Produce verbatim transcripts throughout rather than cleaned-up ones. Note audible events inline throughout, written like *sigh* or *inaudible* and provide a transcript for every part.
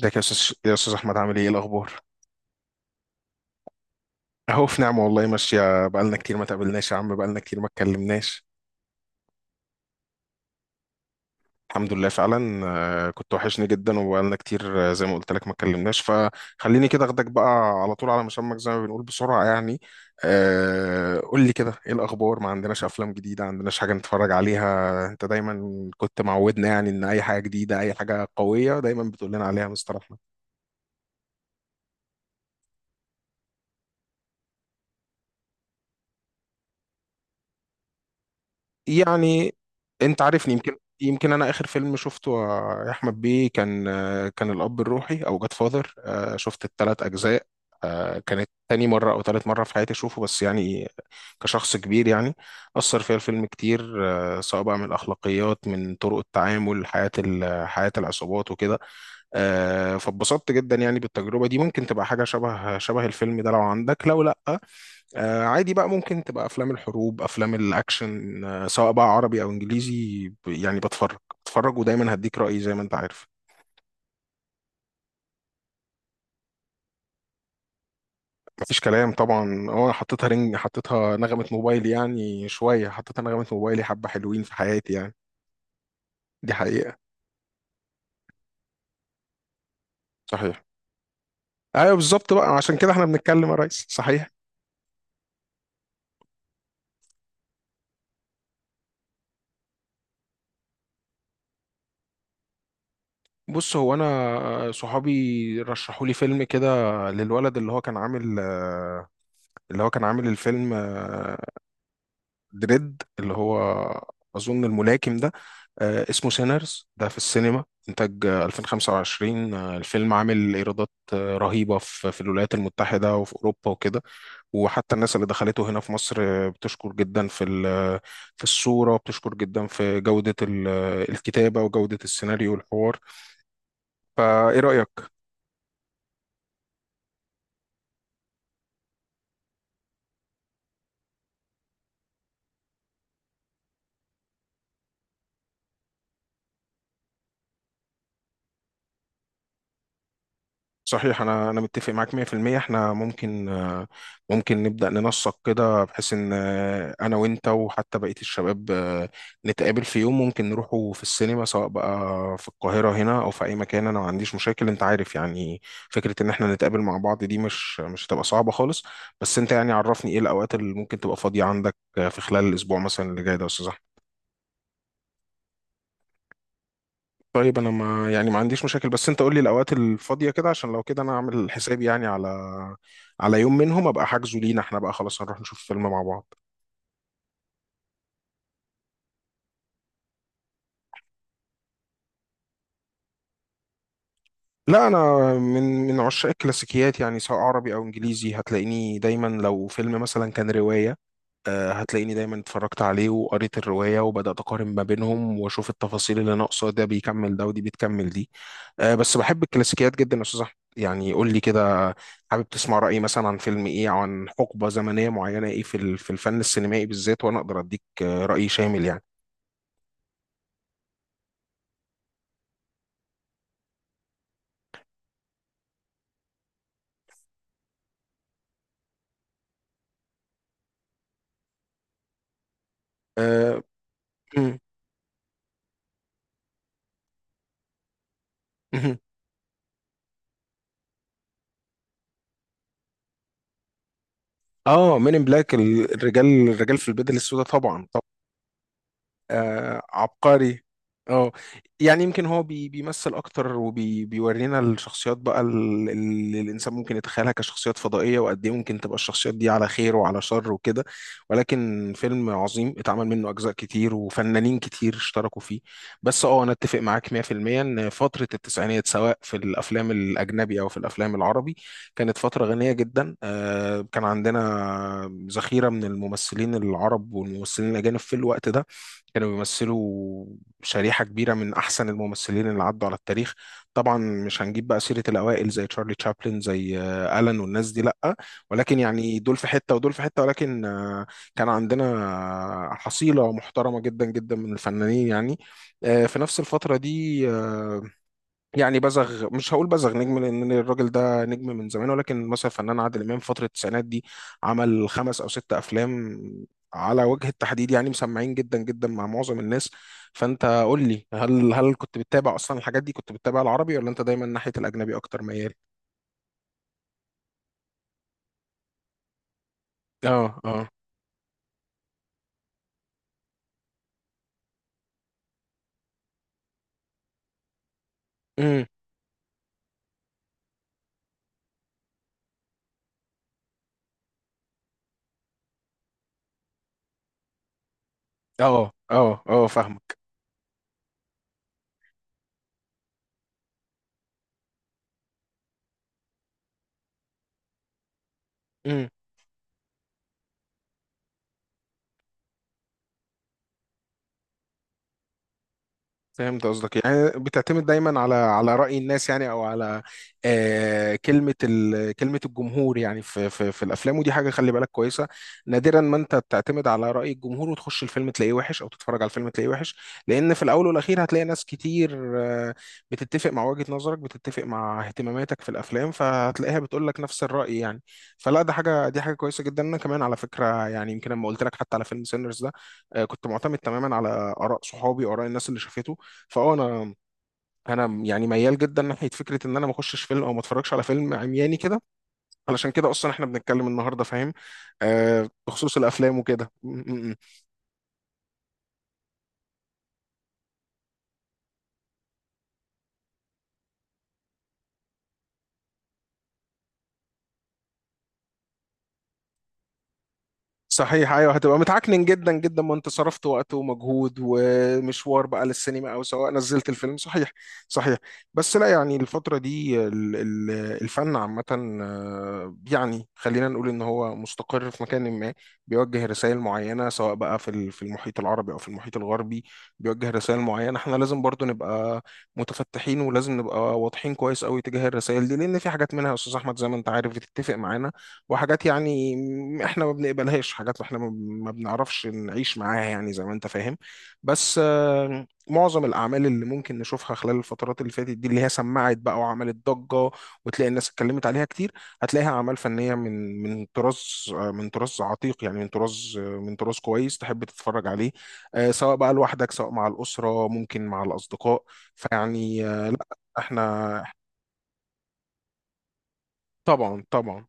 ازيك يا استاذ يا استاذ احمد عامل ايه إيه الاخبار؟ اهو في نعمه والله ماشيه، بقالنا كتير ما تقابلناش يا عم، بقالنا كتير ما اتكلمناش. الحمد لله فعلا. آه، كنت وحشني جدا وبقالنا كتير، آه، زي ما قلت لك ما اتكلمناش، فخليني كده اخدك بقى على طول على مسمك زي ما بنقول بسرعه يعني. آه، قول لي كده ايه الاخبار، ما عندناش افلام جديده، ما عندناش حاجه نتفرج عليها. انت دايما كنت معودنا يعني ان اي حاجه جديده اي حاجه قويه دايما بتقول لنا عليها مستر. يعني انت عارفني، يمكن يمكن انا اخر فيلم شفته يا احمد بيه كان كان الاب الروحي او جاد فاذر، شفت الثلاث اجزاء. آه، كانت تاني مرة أو تالت مرة في حياتي أشوفه بس يعني كشخص كبير يعني، أثر فيها الفيلم كتير. آه، سواء بقى من الأخلاقيات من طرق التعامل، حياة ال- حياة العصابات وكده. آه، فاتبسطت جدا يعني بالتجربة دي. ممكن تبقى حاجة شبه شبه الفيلم ده لو عندك، لو لأ آه عادي بقى. ممكن تبقى افلام الحروب، افلام الاكشن، آه سواء بقى عربي او انجليزي، ب- يعني بتفرج بتفرج، ودايما هديك رايي زي ما انت عارف. مفيش كلام طبعا. اه حطيتها رنج، حطيتها نغمه موبايلي يعني شويه، حطيتها نغمه موبايلي. حبه حلوين في حياتي يعني. دي حقيقه، صحيح. ايوه بالظبط، بقى عشان كده احنا بنتكلم يا ريس، صحيح. بص هو انا، آه، صحابي رشحوا لي فيلم كده للولد اللي هو كان عامل آه، اللي هو كان عامل الفيلم، آه، دريد اللي هو اظن الملاكم ده. آه، اسمه سينرز ده في السينما، انتاج آه، الفين وخمسة وعشرين. آه، الفيلم عامل ايرادات آه، رهيبه في في الولايات المتحده وفي اوروبا وكده. وحتى الناس اللي دخلته هنا في مصر آه، بتشكر جدا في ال- في الصوره، بتشكر جدا في جوده ال- آه، الكتابه وجوده السيناريو والحوار. فايه رايك؟ صحيح، انا انا متفق معاك مئة في المئة. احنا ممكن، آه، ممكن نبدا ننسق كده بحيث ان، آه، انا وانت وحتى بقيه الشباب، آه، نتقابل في يوم، ممكن نروحوا في السينما سواء بقى في القاهره هنا او في اي مكان، انا ما عنديش مشاكل انت عارف يعني. فكره ان احنا نتقابل مع بعض دي مش مش هتبقى صعبه خالص. بس انت يعني عرفني ايه الاوقات اللي ممكن تبقى فاضيه عندك آه، في خلال الاسبوع مثلا اللي جاي ده يا استاذ. طيب انا ما يعني ما عنديش مشاكل، بس انت قول لي الاوقات الفاضيه كده عشان لو كده انا اعمل حسابي يعني على، على يوم منهم ابقى حاجزه لينا، احنا بقى خلاص هنروح نشوف فيلم مع بعض. لا انا من من عشاق الكلاسيكيات يعني سواء عربي او انجليزي، هتلاقيني دايما لو فيلم مثلا كان روايه، آه، هتلاقيني دايما اتفرجت عليه وقريت الرواية وبدأت أقارن ما بينهم وأشوف التفاصيل اللي ناقصة، ده بيكمل ده ودي بتكمل دي. آه، بس بحب الكلاسيكيات جدا يا أستاذ أحمد يعني. قول لي كده حابب تسمع رأيي مثلا عن فيلم إيه أو عن حقبة زمنية معينة إيه في ال- في الفن السينمائي بالذات، وأنا أقدر أديك آه، رأي شامل يعني. آه *laughs* مم، مم. آه، مين إن بلاك، الرجال الرجال في البدل السوداء طبعا. آه عبقري. اه يعني يمكن هو بي بيمثل اكتر وبيورينا الشخصيات بقى ال- اللي الانسان ممكن يتخيلها كشخصيات فضائيه، وقد ايه ممكن تبقى الشخصيات دي على خير وعلى شر وكده. ولكن فيلم عظيم، اتعمل منه اجزاء كتير وفنانين كتير اشتركوا فيه. بس اه انا اتفق معاك مئة في المئة ان فتره التسعينات سواء في الافلام الاجنبي او في الافلام العربي كانت فتره غنيه جدا. آه كان عندنا ذخيره من الممثلين العرب والممثلين الاجانب في الوقت ده، كانوا بيمثلوا شريحة كبيرة من أحسن الممثلين اللي عدوا على التاريخ. طبعا مش هنجيب بقى سيرة الأوائل زي تشارلي تشابلن، زي آه، ألان والناس دي لأ، ولكن يعني دول في حتة ودول في حتة، ولكن آه، كان عندنا آه، حصيلة محترمة جدا جدا من الفنانين يعني. آه، في نفس الفترة دي، آه، يعني بزغ، مش هقول بزغ نجم لان الراجل ده نجم من زمان، ولكن مثلا فنان عادل امام في فتره التسعينات دي عمل خمس او ست افلام على وجه التحديد يعني، مسمعين جدا جدا مع معظم الناس. فانت قول لي، هل هل كنت بتتابع اصلا الحاجات دي؟ كنت بتتابع العربي ولا انت دايما ناحيه الاجنبي اكتر ميال؟ اه اه. امم اه اه اه، فاهمك. فهمت قصدك، يعني بتعتمد دايما على، على رأي الناس يعني او على آه كلمة ال... كلمة الجمهور يعني في في في الافلام، ودي حاجة خلي بالك كويسة. نادرا ما انت بتعتمد على رأي الجمهور وتخش الفيلم تلاقيه وحش، او تتفرج على الفيلم تلاقيه وحش، لان في الاول والاخير هتلاقي ناس كتير آه بتتفق مع وجهة نظرك، بتتفق مع اهتماماتك في الافلام، فهتلاقيها بتقول لك نفس الرأي يعني. فلا ده حاجة، دي حاجة كويسة جدا. انا كمان على فكرة يعني يمكن لما قلت لك حتى على فيلم سينرز ده، آه كنت معتمد تماما على آراء صحابي وآراء الناس اللي شافته. فاه انا، انا يعني ميال جدا ناحيه فكره ان انا ما اخشش فيلم او ما اتفرجش على فيلم عمياني كده، علشان كده اصلا احنا بنتكلم النهارده فاهم. آه بخصوص الافلام وكده. صحيح، ايوه هتبقى متعكنن جدا جدا، ما انت صرفت وقت ومجهود ومشوار بقى للسينما او سواء نزلت الفيلم. صحيح صحيح. بس لا يعني الفتره دي ال- ال- الفن عامه، آه، يعني خلينا نقول ان هو مستقر في مكان ما، بيوجه رسائل معينه سواء بقى في ال- في المحيط العربي او في المحيط الغربي. بيوجه رسائل معينه، احنا لازم برضو نبقى متفتحين ولازم نبقى واضحين كويس قوي تجاه الرسائل دي، لان في حاجات منها يا استاذ احمد زي ما انت عارف بتتفق معانا، وحاجات يعني م- احنا ما بنقبلهاش، حاجات احنا ما ما بنعرفش نعيش معاها يعني زي ما انت فاهم. بس آه، معظم الاعمال اللي ممكن نشوفها خلال الفترات اللي فاتت دي اللي هي سمعت بقى وعملت ضجة وتلاقي الناس اتكلمت عليها كتير، هتلاقيها اعمال فنية من من طراز آه، من طراز عتيق يعني، من طراز آه، من طراز كويس تحب تتفرج عليه، آه، سواء بقى لوحدك، سواء مع الأسرة، ممكن مع الأصدقاء. فيعني آه، لا احنا طبعا طبعا.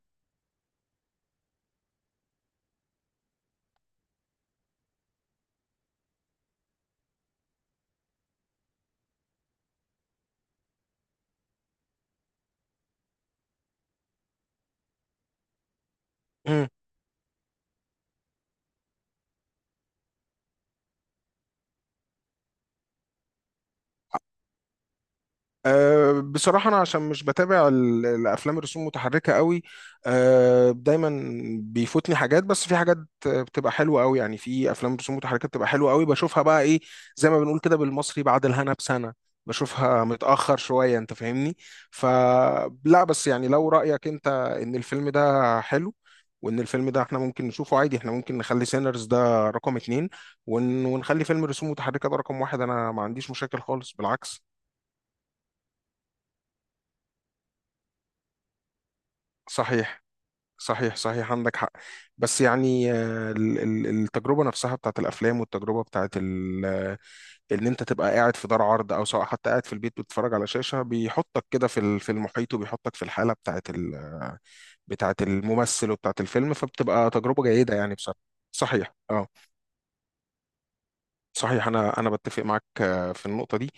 أه بصراحة، أنا عشان مش بتابع ال- الأفلام الرسوم متحركة قوي، أه دايما بيفوتني حاجات، بس في حاجات بتبقى حلوة قوي يعني، في أفلام رسوم متحركة بتبقى حلوة قوي بشوفها بقى إيه زي ما بنقول كده بالمصري، بعد الهنا بسنة بشوفها، متأخر شوية أنت فاهمني. فلا بس يعني لو رأيك أنت إن الفيلم ده حلو وإن الفيلم ده إحنا ممكن نشوفه عادي، إحنا ممكن نخلي سينرز ده رقم اتنين ون- ونخلي فيلم رسوم متحركة ده رقم واحد، أنا ما عنديش مشاكل خالص بالعكس. صحيح صحيح، صحيح عندك حق. بس يعني آه، ال- ال- التجربة نفسها بتاعت الأفلام، والتجربة بتاعت ال- آه، إن أنت تبقى قاعد في دار عرض أو سواء حتى قاعد في البيت بتتفرج على شاشة، بيحطك كده في ال- في المحيط وبيحطك في الحالة بتاعت ال- بتاعت الممثل وبتاعت الفيلم، فبتبقى تجربة جيدة يعني بصراحة. صحيح اه صحيح، أنا أنا بتفق معاك آه، في النقطة دي.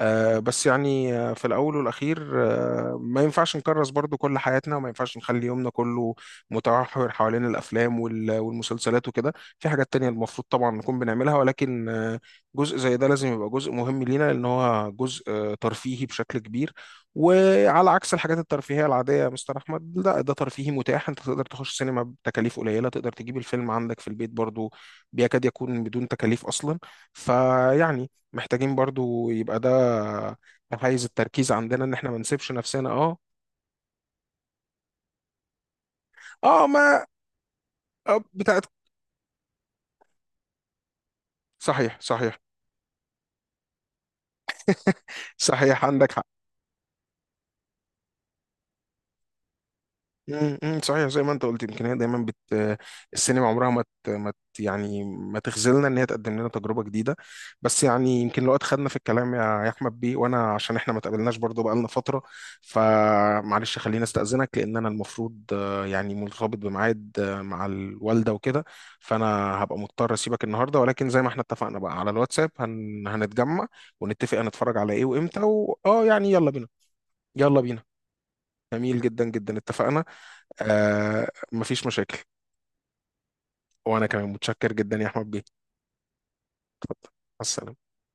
آه، بس يعني آه، في الأول والأخير آه، ما ينفعش نكرس برضو كل حياتنا وما ينفعش نخلي يومنا كله متمحور حوالين الأفلام وال- والمسلسلات وكده. في حاجات تانية المفروض طبعا نكون بنعملها، ولكن آه، جزء زي ده لازم يبقى جزء مهم لينا، لأن هو جزء آه، ترفيهي بشكل كبير. وعلى عكس الحاجات الترفيهية العادية يا مستر أحمد، لا ده ترفيهي متاح، أنت تقدر تخش سينما بتكاليف قليلة، تقدر تجيب الفيلم عندك في البيت برضو بيكاد يكون بدون تكاليف أصلا. فيعني محتاجين برضو يبقى ده حيز التركيز عندنا ان احنا ما نسيبش نفسنا اه. اه ما آه، بتاعت. صحيح صحيح، صحيح عندك حق. امم أمم، صحيح زي ما انت قلت، يمكن هي دايما بت، السينما عمرها ما ت... ما ت... يعني ما تخذلنا، ان هي تقدم لنا تجربه جديده. بس يعني يمكن لو اتخدنا في الكلام يا يا احمد بيه، وانا عشان احنا ما تقابلناش برضو بقالنا فتره، فمعلش خليني استاذنك لان انا المفروض آه، يعني مرتبط بميعاد آه، مع الوالده وكده. فانا هبقى مضطر اسيبك النهارده، ولكن زي ما احنا اتفقنا بقى على الواتساب هن... هنتجمع ونتفق هنتفرج على ايه وامتى و... اه يعني يلا بينا. يلا بينا، جميل جدا جدا، اتفقنا. آه مفيش مشاكل. وانا كمان متشكر جدا يا احمد بيه، مع السلامة.